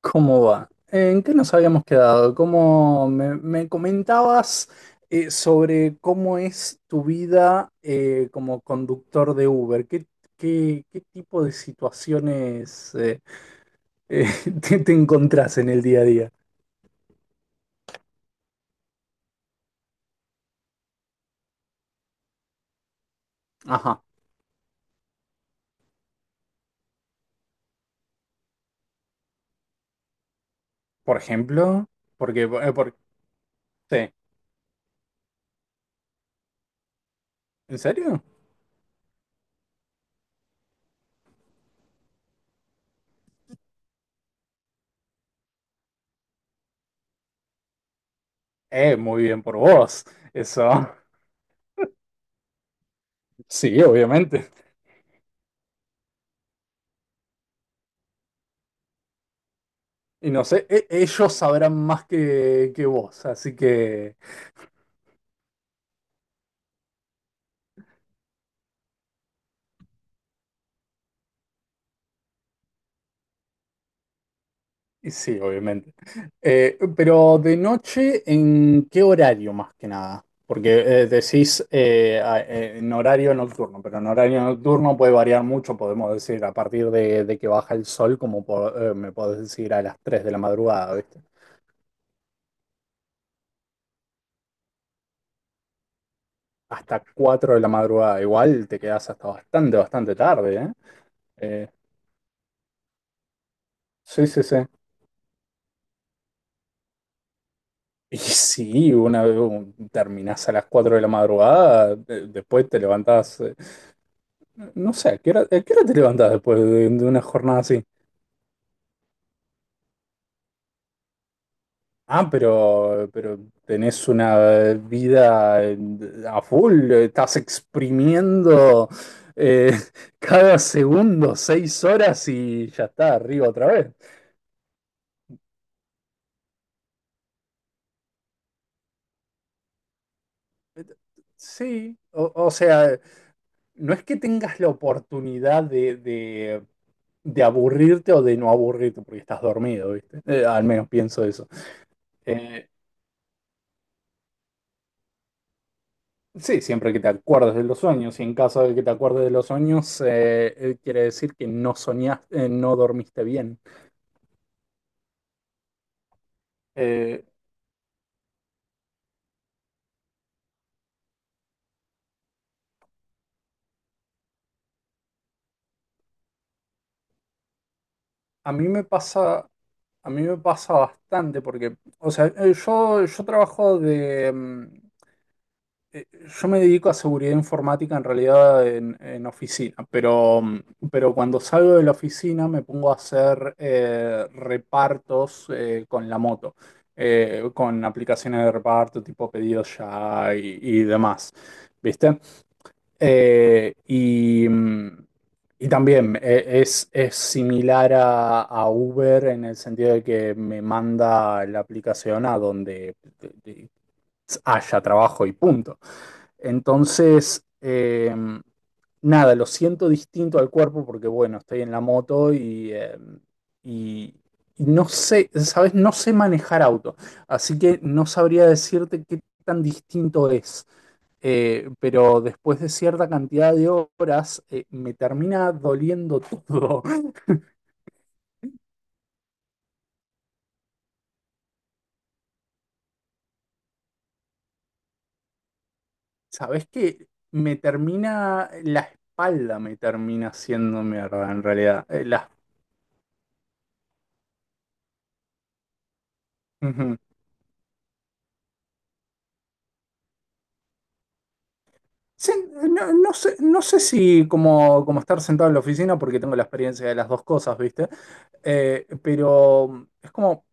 ¿Cómo va? ¿En qué nos habíamos quedado? ¿Cómo me comentabas sobre cómo es tu vida como conductor de Uber? ¿Qué tipo de situaciones eh, te encontrás en el día a día? Ajá, por ejemplo, porque, eh, por- sí, ¿en serio? Muy bien por vos, eso. Sí, obviamente. Y no sé, ellos sabrán más que vos, así que... Y sí, obviamente. Pero de noche, ¿en qué horario más que nada? Porque decís en horario nocturno, pero en horario nocturno puede variar mucho, podemos decir, a partir de que baja el sol, como me podés decir a las 3 de la madrugada, ¿viste? Hasta 4 de la madrugada, igual te quedás hasta bastante tarde, ¿eh? Eh, sí, sí, sí. Y sí, una vez terminás a las 4 de la madrugada, después te levantás. No sé, ¿a qué hora te levantás después de una jornada así? Ah, pero tenés una vida a full, estás exprimiendo eh, cada segundo 6 horas y ya está, arriba otra vez. Sí, o sea, no es que tengas la oportunidad de aburrirte o de no aburrirte porque estás dormido, ¿viste? Al menos pienso eso. Eh, Sí, siempre que te acuerdes de los sueños, y en caso de que te acuerdes de los sueños, quiere decir que no soñaste, no dormiste bien. Eh, a mí me pasa, a mí me pasa bastante porque, o sea, yo trabajo de, Eh, yo me dedico a seguridad informática en realidad en oficina, pero, mm, pero cuando salgo de la oficina me pongo a hacer repartos con la moto, con aplicaciones de reparto tipo pedidos ya y demás, ¿viste? Eh, y, mm, y también es similar a Uber en el sentido de que me manda la aplicación a donde eh, eh, haya trabajo y punto. Entonces, nada, lo siento distinto al cuerpo porque, bueno, estoy en la moto y, y- y no sé, ¿sabes? No sé manejar auto, así que no sabría decirte qué tan distinto es. Pero después de cierta cantidad de horas, me termina doliendo todo. ¿Sabes qué? Me termina, la espalda me termina haciendo mierda en realidad. Ujú. Sí, no sé, no sé si como, como estar sentado en la oficina, porque tengo la experiencia de las dos cosas, ¿viste? Pero es como,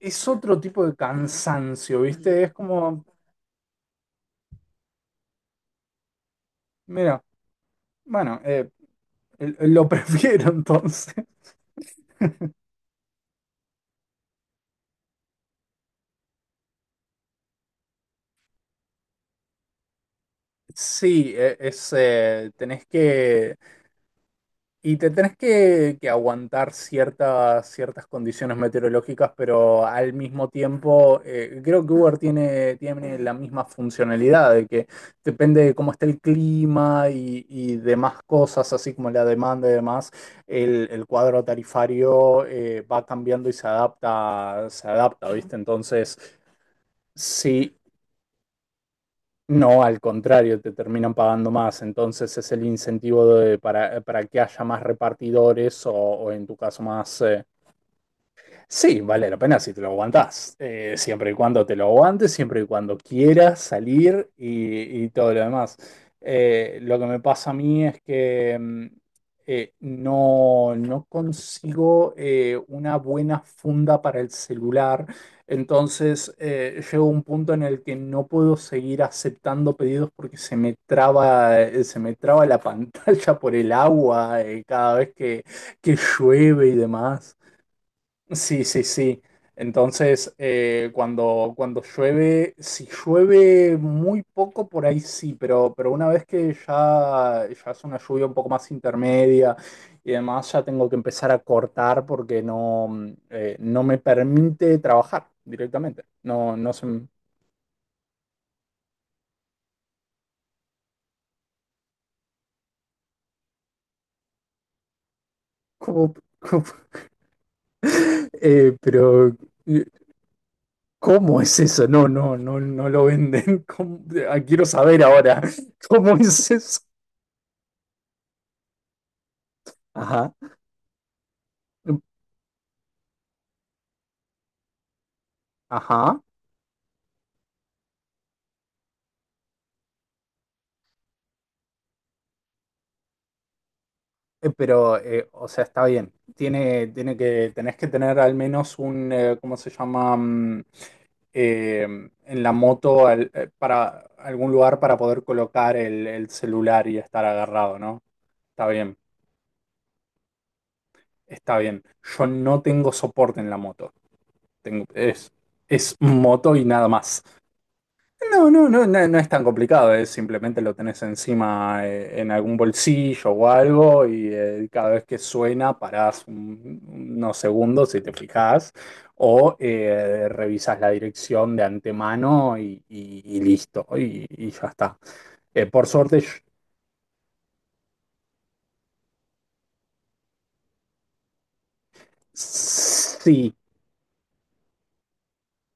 es otro tipo de cansancio, ¿viste? Es como, mira, bueno, lo prefiero entonces. Sí, tenés que, y te tenés que aguantar ciertas condiciones meteorológicas, pero al mismo tiempo creo que Uber tiene, tiene la misma funcionalidad, de que depende de cómo esté el clima y demás cosas, así como la demanda y demás, el cuadro tarifario va cambiando y se adapta, ¿viste? Entonces, sí, no, al contrario, te terminan pagando más. Entonces es el incentivo para que haya más repartidores o en tu caso más, sí, vale la pena si te lo aguantás. Eh, siempre y cuando te lo aguantes, siempre y cuando quieras salir y todo lo demás. Lo que me pasa a mí es que no, no consigo una buena funda para el celular. Entonces, llego a un punto en el que no puedo seguir aceptando pedidos porque se me traba la pantalla por el agua, que llueve y demás. Sí, sí, sí. Entonces, cuando, cuando llueve, si llueve muy poco, por ahí sí, pero una vez que ya, ya es una lluvia un poco más intermedia y demás, ya tengo que empezar a cortar porque no me permite trabajar directamente. No, no se... ¿cómo? ¿Cómo? Pero, eh, ¿cómo es eso? No, no, no, no lo venden. ¿Cómo? Ah, quiero saber ahora, ¿cómo es eso? Ajá. Ajá, pero, o sea, está bien. Tiene, tiene que, tenés que tener al menos un, ¿cómo se llama? Mm, en la moto para algún lugar para poder colocar el celular y estar agarrado, ¿no? Está bien, está bien. Yo no tengo soporte en la moto. Tengo, es, es moto y nada más. No, no, no, no, no es tan complicado, es simplemente lo tenés encima en algún bolsillo o algo y cada vez que suena parás unos segundos si te fijás o revisas la dirección de antemano y listo, y ya está. Por suerte, sí,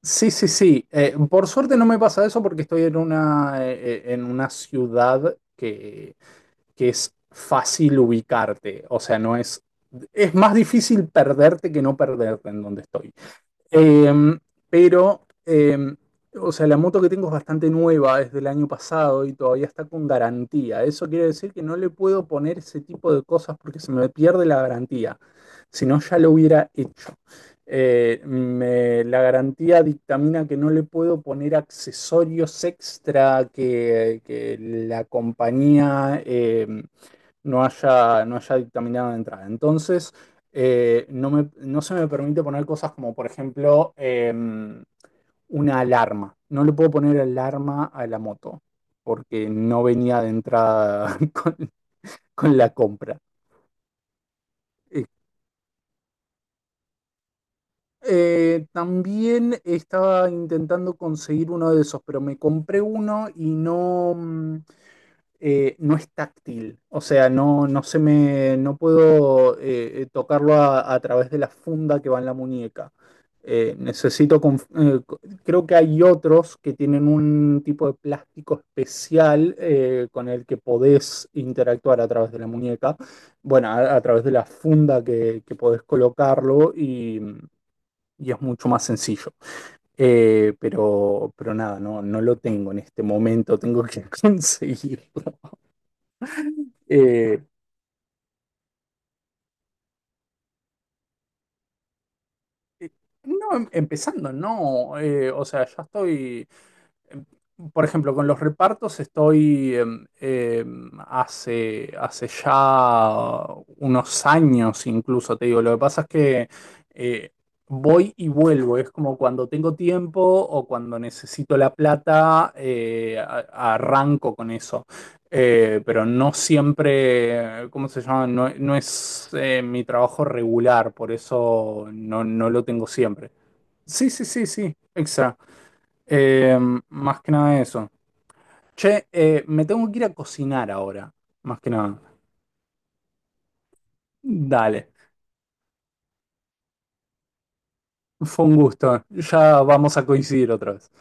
sí, sí, sí. Por suerte no me pasa eso porque estoy en una ciudad que es fácil ubicarte, o sea, no es... Es más difícil perderte que no perderte en donde estoy. Eh, pero, o sea, la moto que tengo es bastante nueva, es del año pasado y todavía está con garantía. Eso quiere decir que no le puedo poner ese tipo de cosas porque se me pierde la garantía. Si no, ya lo hubiera hecho. La garantía dictamina que no le puedo poner accesorios extra que la compañía no haya dictaminado de entrada. Entonces, no se me permite poner cosas como, por ejemplo, em, una alarma. No le puedo poner alarma a la moto porque no venía de entrada con la compra. Eh, también estaba intentando conseguir uno de esos, pero me compré uno y no es táctil, o sea, no puedo tocarlo a través de la funda que va en la muñeca. Necesito, creo que hay otros que tienen un tipo de plástico especial con el que podés interactuar a través de la muñeca, bueno, a través de la funda que podés colocarlo y es mucho más sencillo. Pero nada, no, no lo tengo en este momento, tengo que conseguirlo. Eh, Eh, No, empezando, no. Eh, o sea, ya estoy. Por ejemplo, con los repartos estoy hace, hace ya unos años incluso, te digo. Lo que pasa es que eh, voy y vuelvo. Es como cuando tengo tiempo o cuando necesito la plata, arranco con eso. Pero no siempre, ¿cómo se llama? No, no es mi trabajo regular, por eso no, no lo tengo siempre. Sí, sí, sí, sí, exacto. Eh, más que nada eso. Che, me tengo que ir a cocinar ahora, más que nada. Dale, fue un gusto. Ya vamos a coincidir otra vez.